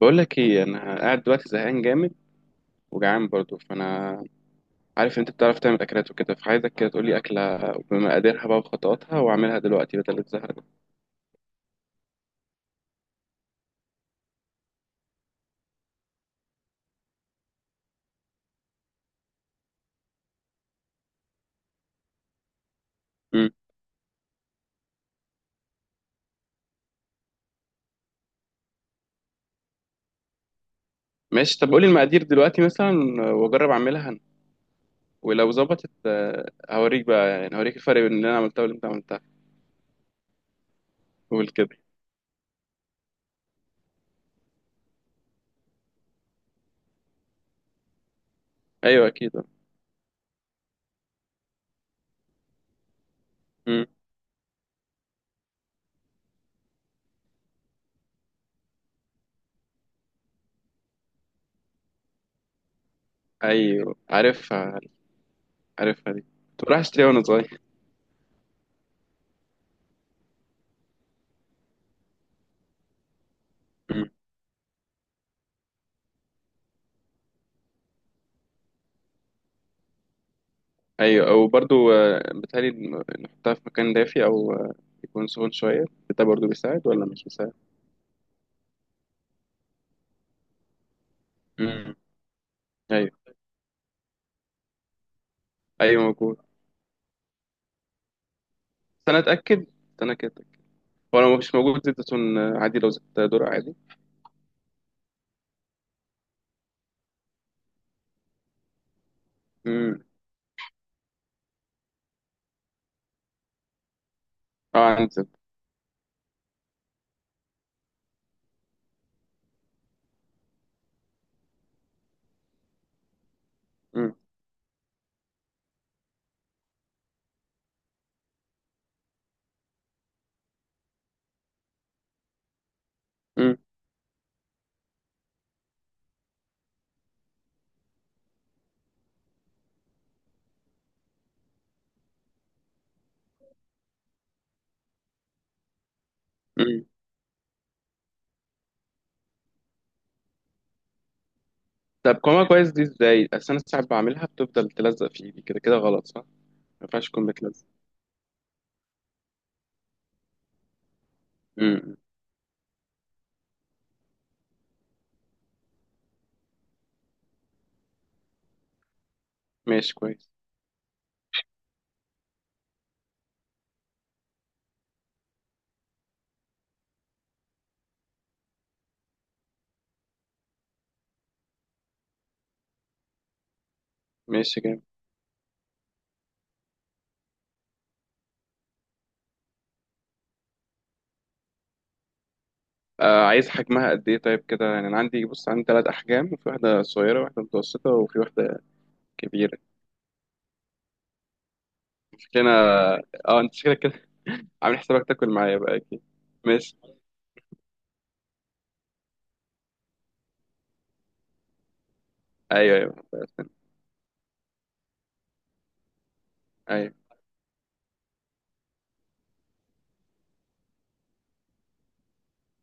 بقول لك ايه، انا قاعد دلوقتي زهقان جامد، وجعان برضو، فانا عارف إن انت بتعرف تعمل اكلات وكده، فعايزك كده تقول لي اكله بمقاديرها بقى وخطواتها، واعملها دلوقتي بدل الزهق ده. امم، ماشي. طب قولي المقادير دلوقتي مثلا، واجرب اعملها أنا. ولو ظبطت هوريك بقى، يعني هوريك الفرق بين اللي انا عملتها واللي انت عملتها. قول كده. ايوه اكيد. امم. ايوه عارفها. عارفها دي. كنت بروح اشتريها وانا صغير. ايوه، وبرضو بتهيألي نحطها في مكان دافي او يكون سخن شويه. ده برضو بيساعد ولا مش بيساعد؟ امم. ايوه، ايوه موجود بس. انا اتاكد. انا كده أتأكد. هو لو مش موجود زيت زيتون عادي، لو زيت ذرة عادي. امم. اه عندي زيت. امم امم أمم. طب قوامها كويس دي ازاي؟ اصل انا ساعات بعملها بتفضل تلزق في ايدي كده كده، غلط صح؟ ما ينفعش تكون بتلزق. امم. ماشي كويس. ماشي جامد. عايز حجمها قد ايه طيب؟ كده يعني انا عندي، بص عندي ثلاث احجام، وفي واحده صغيره وواحده متوسطه وفي واحده كبيرة. شكلنا، اه انت شكلك كده عامل حسابك تاكل معايا بقى اكيد. ماشي. ايوه ايوه، بقى استنى. ايوه.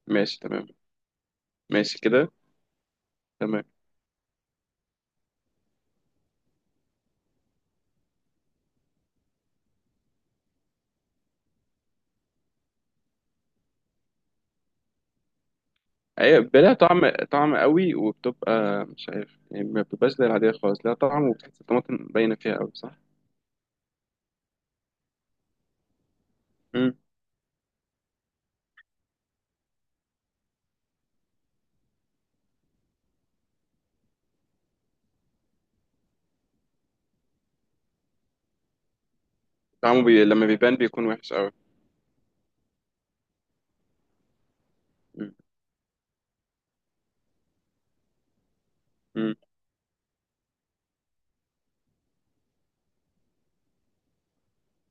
ماشي تمام. ماشي كده. تمام. ايوه، لها طعم، طعم قوي، وبتبقى مش عارف يعني، ما بتبقاش زي العادية خالص، لها طعم، وبتحس الطماطم باينة فيها قوي، صح؟ مم. طعمه لما بيبان بيكون وحش قوي. مم. مم.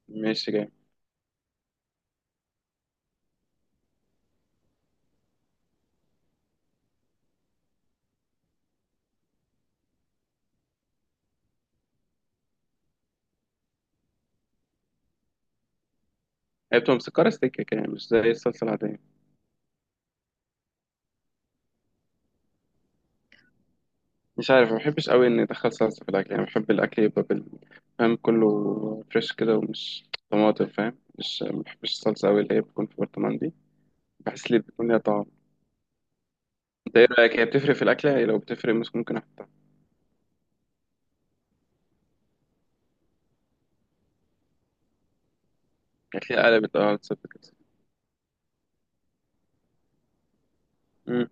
ماشي جامد. هي بتبقى مسكرة سكة كده، مش زي الصلصة العادية. مش عارف، ما بحبش قوي اني ادخل صلصه في الاكل، يعني بحب الاكل يبقى فاهم، كله فريش كده، طماطم فاهم. مش ما بحبش الصلصه قوي اللي هي بتكون في برطمان دي، بحس لي بتكون ليها طعم. انت ايه رايك، هي بتفرق في الاكله؟ هي لو بتفرق مش ممكن احطها. هتلاقيها قلبت، اه تصدق كده. امم.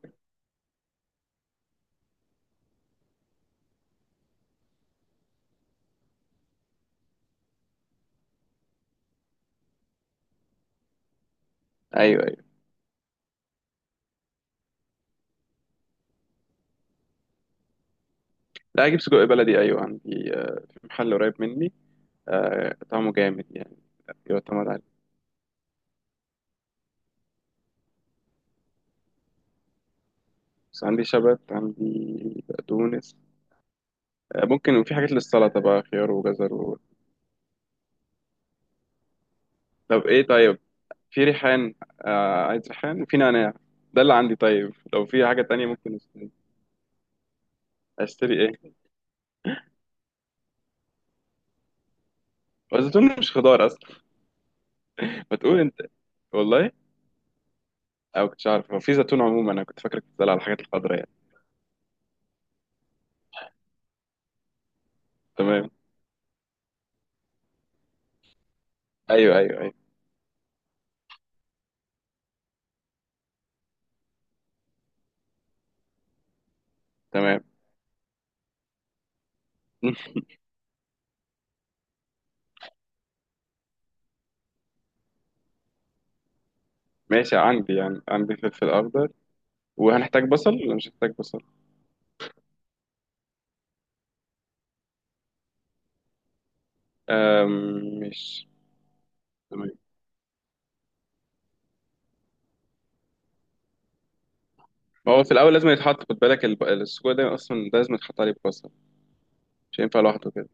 ايوه ايوه. لا، اجيب سجق بلدي ايوه، عندي في محل قريب مني. طعمه جامد يعني، يعتمد عليه. بس عندي شبت، عندي بقدونس ممكن. وفي حاجات للسلطه بقى، خيار وجزر و... طب ايه طيب؟ في ريحان. آه عايز ريحان، وفي نعناع. ده اللي عندي، طيب لو في حاجة تانية ممكن اشتري. اشتري ايه. والزيتون مش خضار اصلا. ما تقول انت. والله. او كنتش عارف، هو في زيتون عموما، انا كنت فاكرك بتسأل على الحاجات الخضراء يعني. تمام. ايوه ايوه ايوه. تمام. ماشي، عندي يعني، عندي فلفل اخضر. وهنحتاج بصل ولا مش هنحتاج بصل؟ أم مش. تمام. هو في الاول لازم يتحط، خد بالك السجق ده اصلا، ده لازم يتحط عليه بصل، مش هينفع لوحده كده.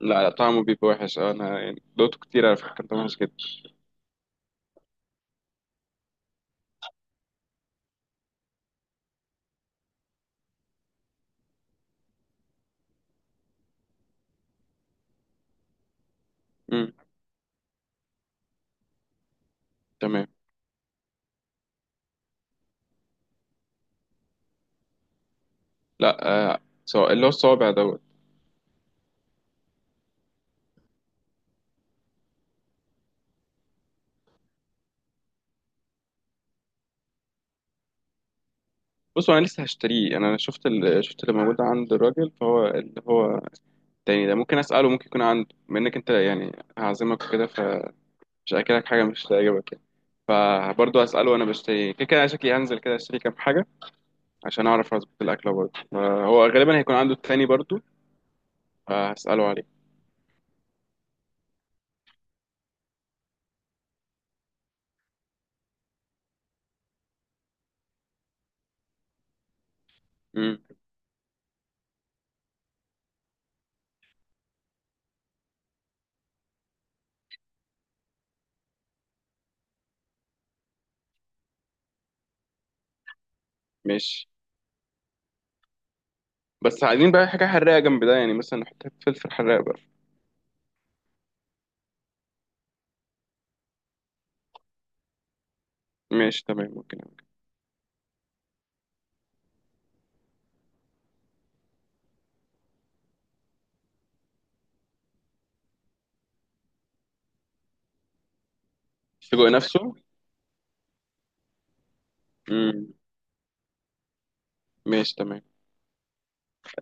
لا لا، طعمه بيبقى وحش. انا يعني دوقته كتير على فكره، كان طعمه وحش جدا. تمام. لا. سواء اللي هو الصوابع دوت. بص، انا لسه هشتريه. أنا شفت شفت اللي موجود عند الراجل، فهو اللي هو التاني ده ممكن اساله، ممكن يكون عنده. بما انك انت يعني هعزمك وكده، فمش هاكلك حاجه مش هتعجبك يعني. فبرضه اساله. انا بشتري كده كده، أنا شكلي هنزل كده اشتري كام حاجه عشان اعرف اظبط الاكله برضه. هو غالبا هيكون عنده التاني برضه، فهساله عليه. امم. ماشي. بس عايزين بقى حاجه حراقه جنب ده، يعني مثلا نحط فلفل حراق بقى. ماشي تمام ممكن. السجق نفسه. امم. ماشي تمام.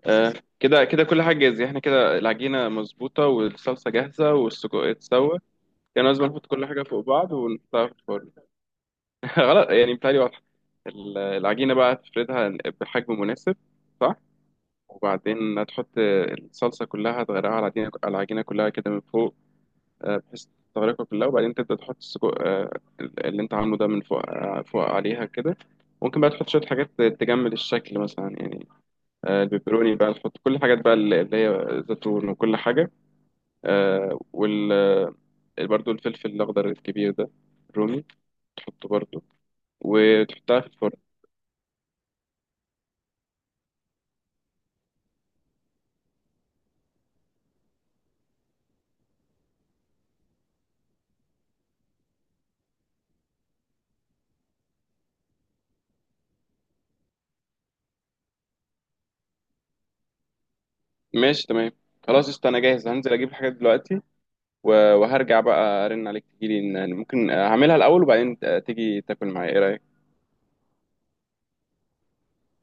آه كده كده كل حاجة جاهزة. احنا كده العجينة مظبوطة، والصلصة جاهزة، والسجق اتسوى. يعني لازم نحط كل حاجة فوق بعض ونحطها في الفرن؟ غلط، يعني بتهيألي واضحة. العجينة بقى تفردها بحجم مناسب، صح؟ وبعدين هتحط الصلصة كلها، تغرقها على العجينة، على العجينة كلها كده من فوق، بحيث تغرقها كلها. وبعدين تبدأ تحط السجق اللي انت عامله ده من فوق، فوق عليها كده. ممكن بقى تحط شوية حاجات تجمل الشكل مثلا يعني، البيبروني بقى، نحط كل الحاجات بقى اللي هي زيتون وكل حاجة. آه، وال آه، برضو الفلفل الأخضر الكبير ده، الرومي، تحطه برضو، وتحطها في الفرن. ماشي تمام. خلاص قشطة، أنا جاهز. هنزل أجيب الحاجات دلوقتي وهرجع بقى أرن عليك تجيلي. ممكن هعملها الأول وبعدين تيجي تاكل معايا، إيه رأيك؟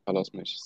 خلاص ماشي.